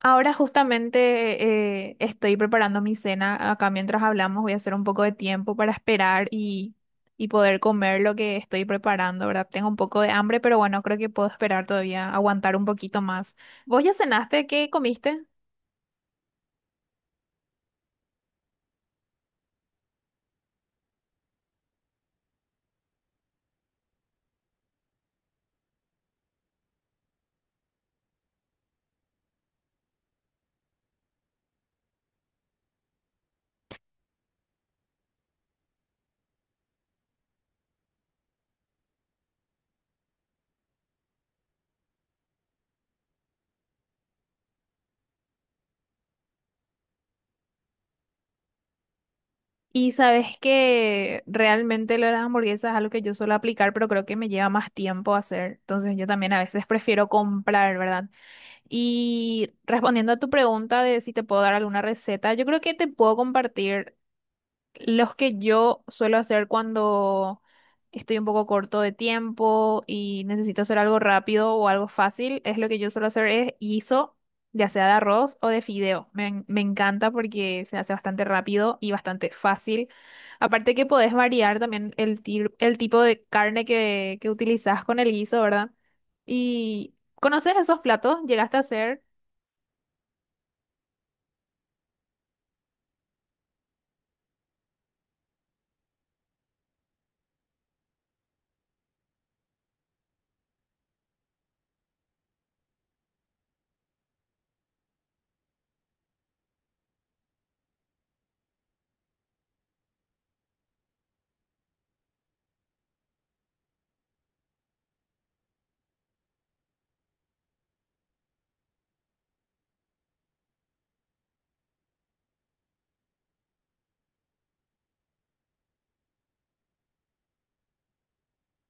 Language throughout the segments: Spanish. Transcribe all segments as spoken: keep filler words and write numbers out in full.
Ahora justamente eh, estoy preparando mi cena. Acá mientras hablamos voy a hacer un poco de tiempo para esperar y, y poder comer lo que estoy preparando, ¿verdad? Tengo un poco de hambre, pero bueno, creo que puedo esperar todavía, aguantar un poquito más. ¿Vos ya cenaste? ¿Qué comiste? Y sabes que realmente lo de las hamburguesas es algo que yo suelo aplicar, pero creo que me lleva más tiempo hacer. Entonces yo también a veces prefiero comprar, ¿verdad? Y respondiendo a tu pregunta de si te puedo dar alguna receta, yo creo que te puedo compartir. Los que yo suelo hacer cuando estoy un poco corto de tiempo y necesito hacer algo rápido o algo fácil, es lo que yo suelo hacer es guiso, ya sea de arroz o de fideo. Me, en- me encanta porque se hace bastante rápido y bastante fácil. Aparte que podés variar también el, tir- el tipo de carne que, que utilizás con el guiso, ¿verdad? Y conocer esos platos, llegaste a hacer...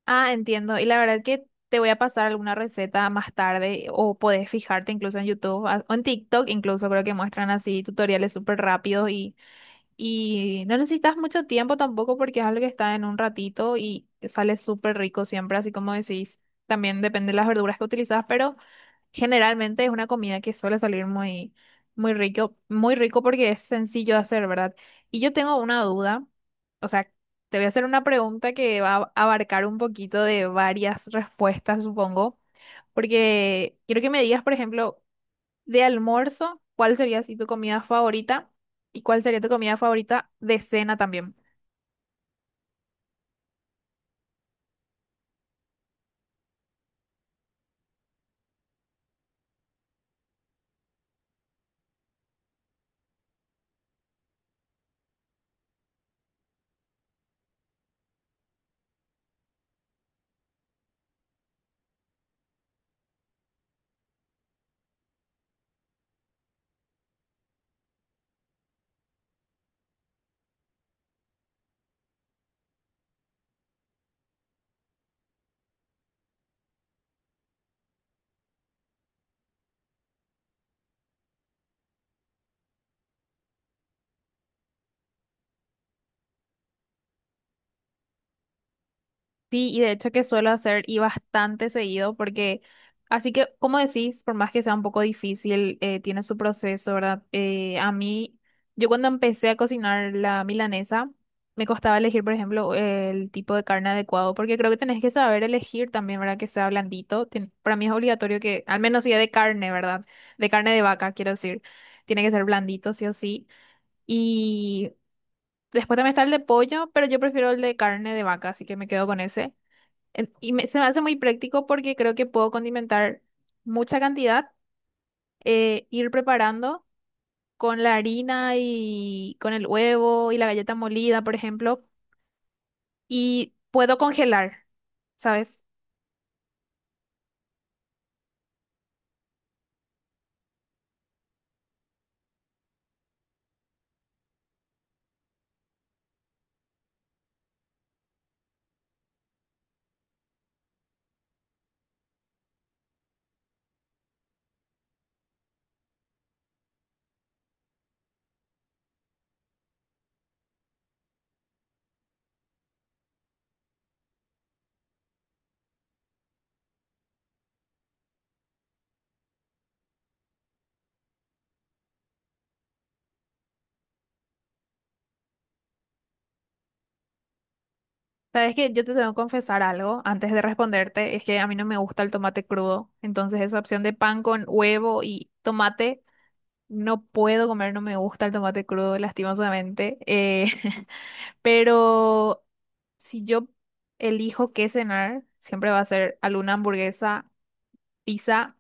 Ah, entiendo. Y la verdad que te voy a pasar alguna receta más tarde o podés fijarte incluso en YouTube a- o en TikTok, incluso creo que muestran así tutoriales súper rápidos y, y no necesitas mucho tiempo tampoco porque es algo que está en un ratito y te sale súper rico siempre, así como decís. También depende de las verduras que utilizas, pero generalmente es una comida que suele salir muy, muy rico, muy rico porque es sencillo de hacer, ¿verdad? Y yo tengo una duda, o sea, te voy a hacer una pregunta que va a abarcar un poquito de varias respuestas, supongo, porque quiero que me digas, por ejemplo, de almuerzo, ¿cuál sería así tu comida favorita? ¿Y cuál sería tu comida favorita de cena también? Sí, y de hecho que suelo hacer y bastante seguido porque, así que, como decís, por más que sea un poco difícil, eh, tiene su proceso, ¿verdad? Eh, a mí, yo cuando empecé a cocinar la milanesa, me costaba elegir, por ejemplo, el tipo de carne adecuado, porque creo que tenés que saber elegir también, ¿verdad? Que sea blandito. Tien- para mí es obligatorio que, al menos sea de carne, ¿verdad? De carne de vaca, quiero decir. Tiene que ser blandito, sí o sí. Y después también está el de pollo, pero yo prefiero el de carne de vaca, así que me quedo con ese. En- Y me- se me hace muy práctico porque creo que puedo condimentar mucha cantidad, eh, ir preparando con la harina y con el huevo y la galleta molida, por ejemplo, y puedo congelar, ¿sabes? Sabes que yo te tengo que confesar algo antes de responderte, es que a mí no me gusta el tomate crudo, entonces esa opción de pan con huevo y tomate, no puedo comer, no me gusta el tomate crudo, lastimosamente. Eh, pero si yo elijo qué cenar, siempre va a ser alguna hamburguesa, pizza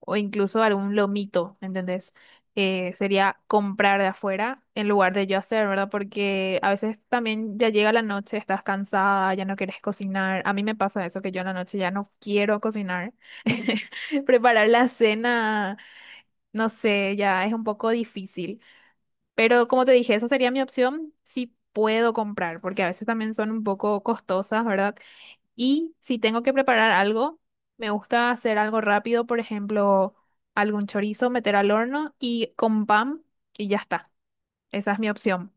o incluso algún lomito, ¿entendés? Eh, sería comprar de afuera en lugar de yo hacer, ¿verdad? Porque a veces también ya llega la noche, estás cansada, ya no quieres cocinar. A mí me pasa eso, que yo en la noche ya no quiero cocinar. Preparar la cena, no sé, ya es un poco difícil. Pero como te dije, esa sería mi opción si puedo comprar, porque a veces también son un poco costosas, ¿verdad? Y si tengo que preparar algo, me gusta hacer algo rápido, por ejemplo, algún chorizo, meter al horno y con pan y ya está. Esa es mi opción.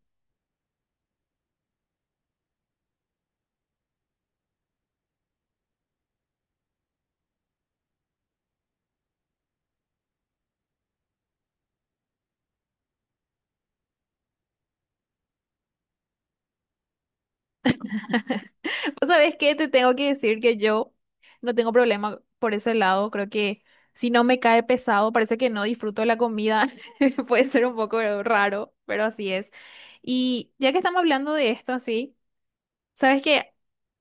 Pues, ¿sabes qué? Te tengo que decir que yo no tengo problema por ese lado. Creo que si no me cae pesado, parece que no disfruto la comida. Puede ser un poco raro, pero así es. Y ya que estamos hablando de esto así. Sabes que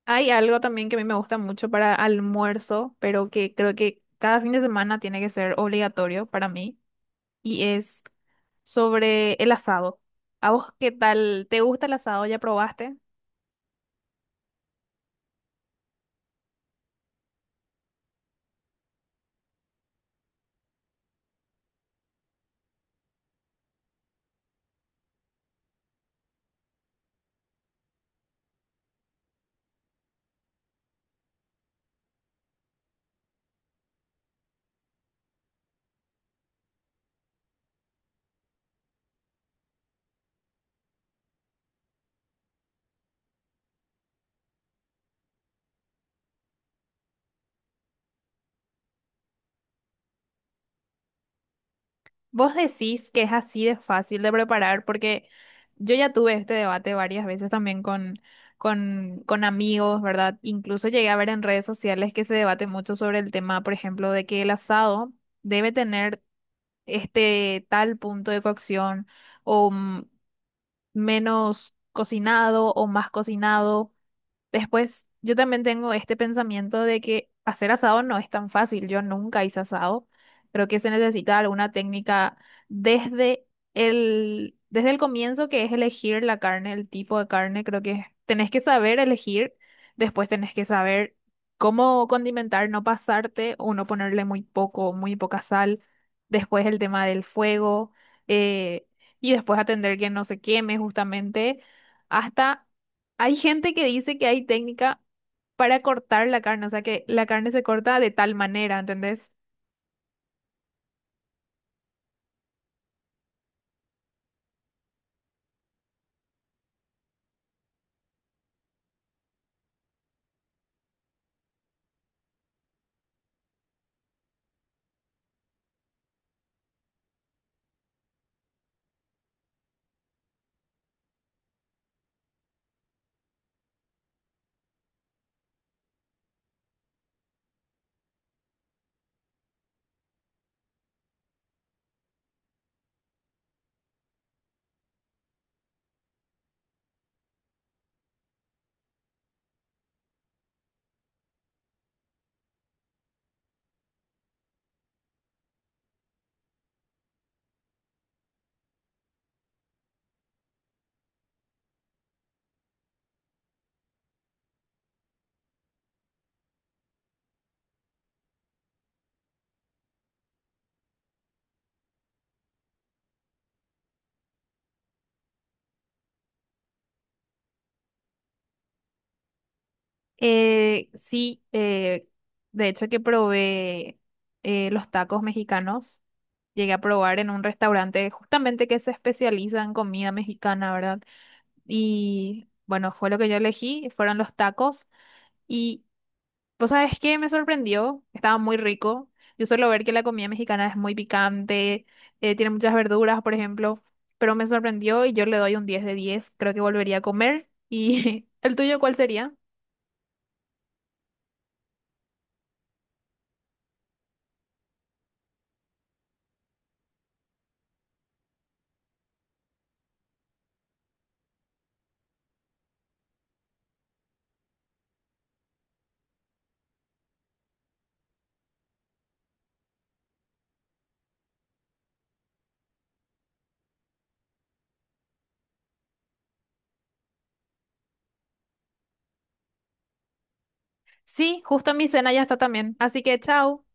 hay algo también que a mí me gusta mucho para almuerzo, pero que creo que cada fin de semana tiene que ser obligatorio para mí, y es sobre el asado. ¿A vos qué tal? ¿Te gusta el asado? ¿Ya probaste? Vos decís que es así de fácil de preparar, porque yo ya tuve este debate varias veces también con, con, con amigos, ¿verdad? Incluso llegué a ver en redes sociales que se debate mucho sobre el tema, por ejemplo, de que el asado debe tener este tal punto de cocción o mm, menos cocinado o más cocinado. Después, yo también tengo este pensamiento de que hacer asado no es tan fácil. Yo nunca hice asado. Creo que se necesita alguna técnica desde el, desde el comienzo, que es elegir la carne, el tipo de carne. Creo que tenés que saber elegir. Después tenés que saber cómo condimentar, no pasarte o no ponerle muy poco, muy poca sal. Después el tema del fuego. eh, y después atender que no se queme justamente hasta hay gente que dice que hay técnica para cortar la carne, o sea que la carne se corta de tal manera, ¿entendés? Eh, sí, eh, de hecho que probé eh, los tacos mexicanos, llegué a probar en un restaurante justamente que se especializa en comida mexicana, ¿verdad? Y bueno, fue lo que yo elegí fueron los tacos. Y pues sabes que me sorprendió, estaba muy rico. Yo suelo ver que la comida mexicana es muy picante, eh, tiene muchas verduras, por ejemplo, pero me sorprendió y yo le doy un diez de diez. Creo que volvería a comer. ¿Y el tuyo cuál sería? Sí, justo mi cena ya está también. Así que chao.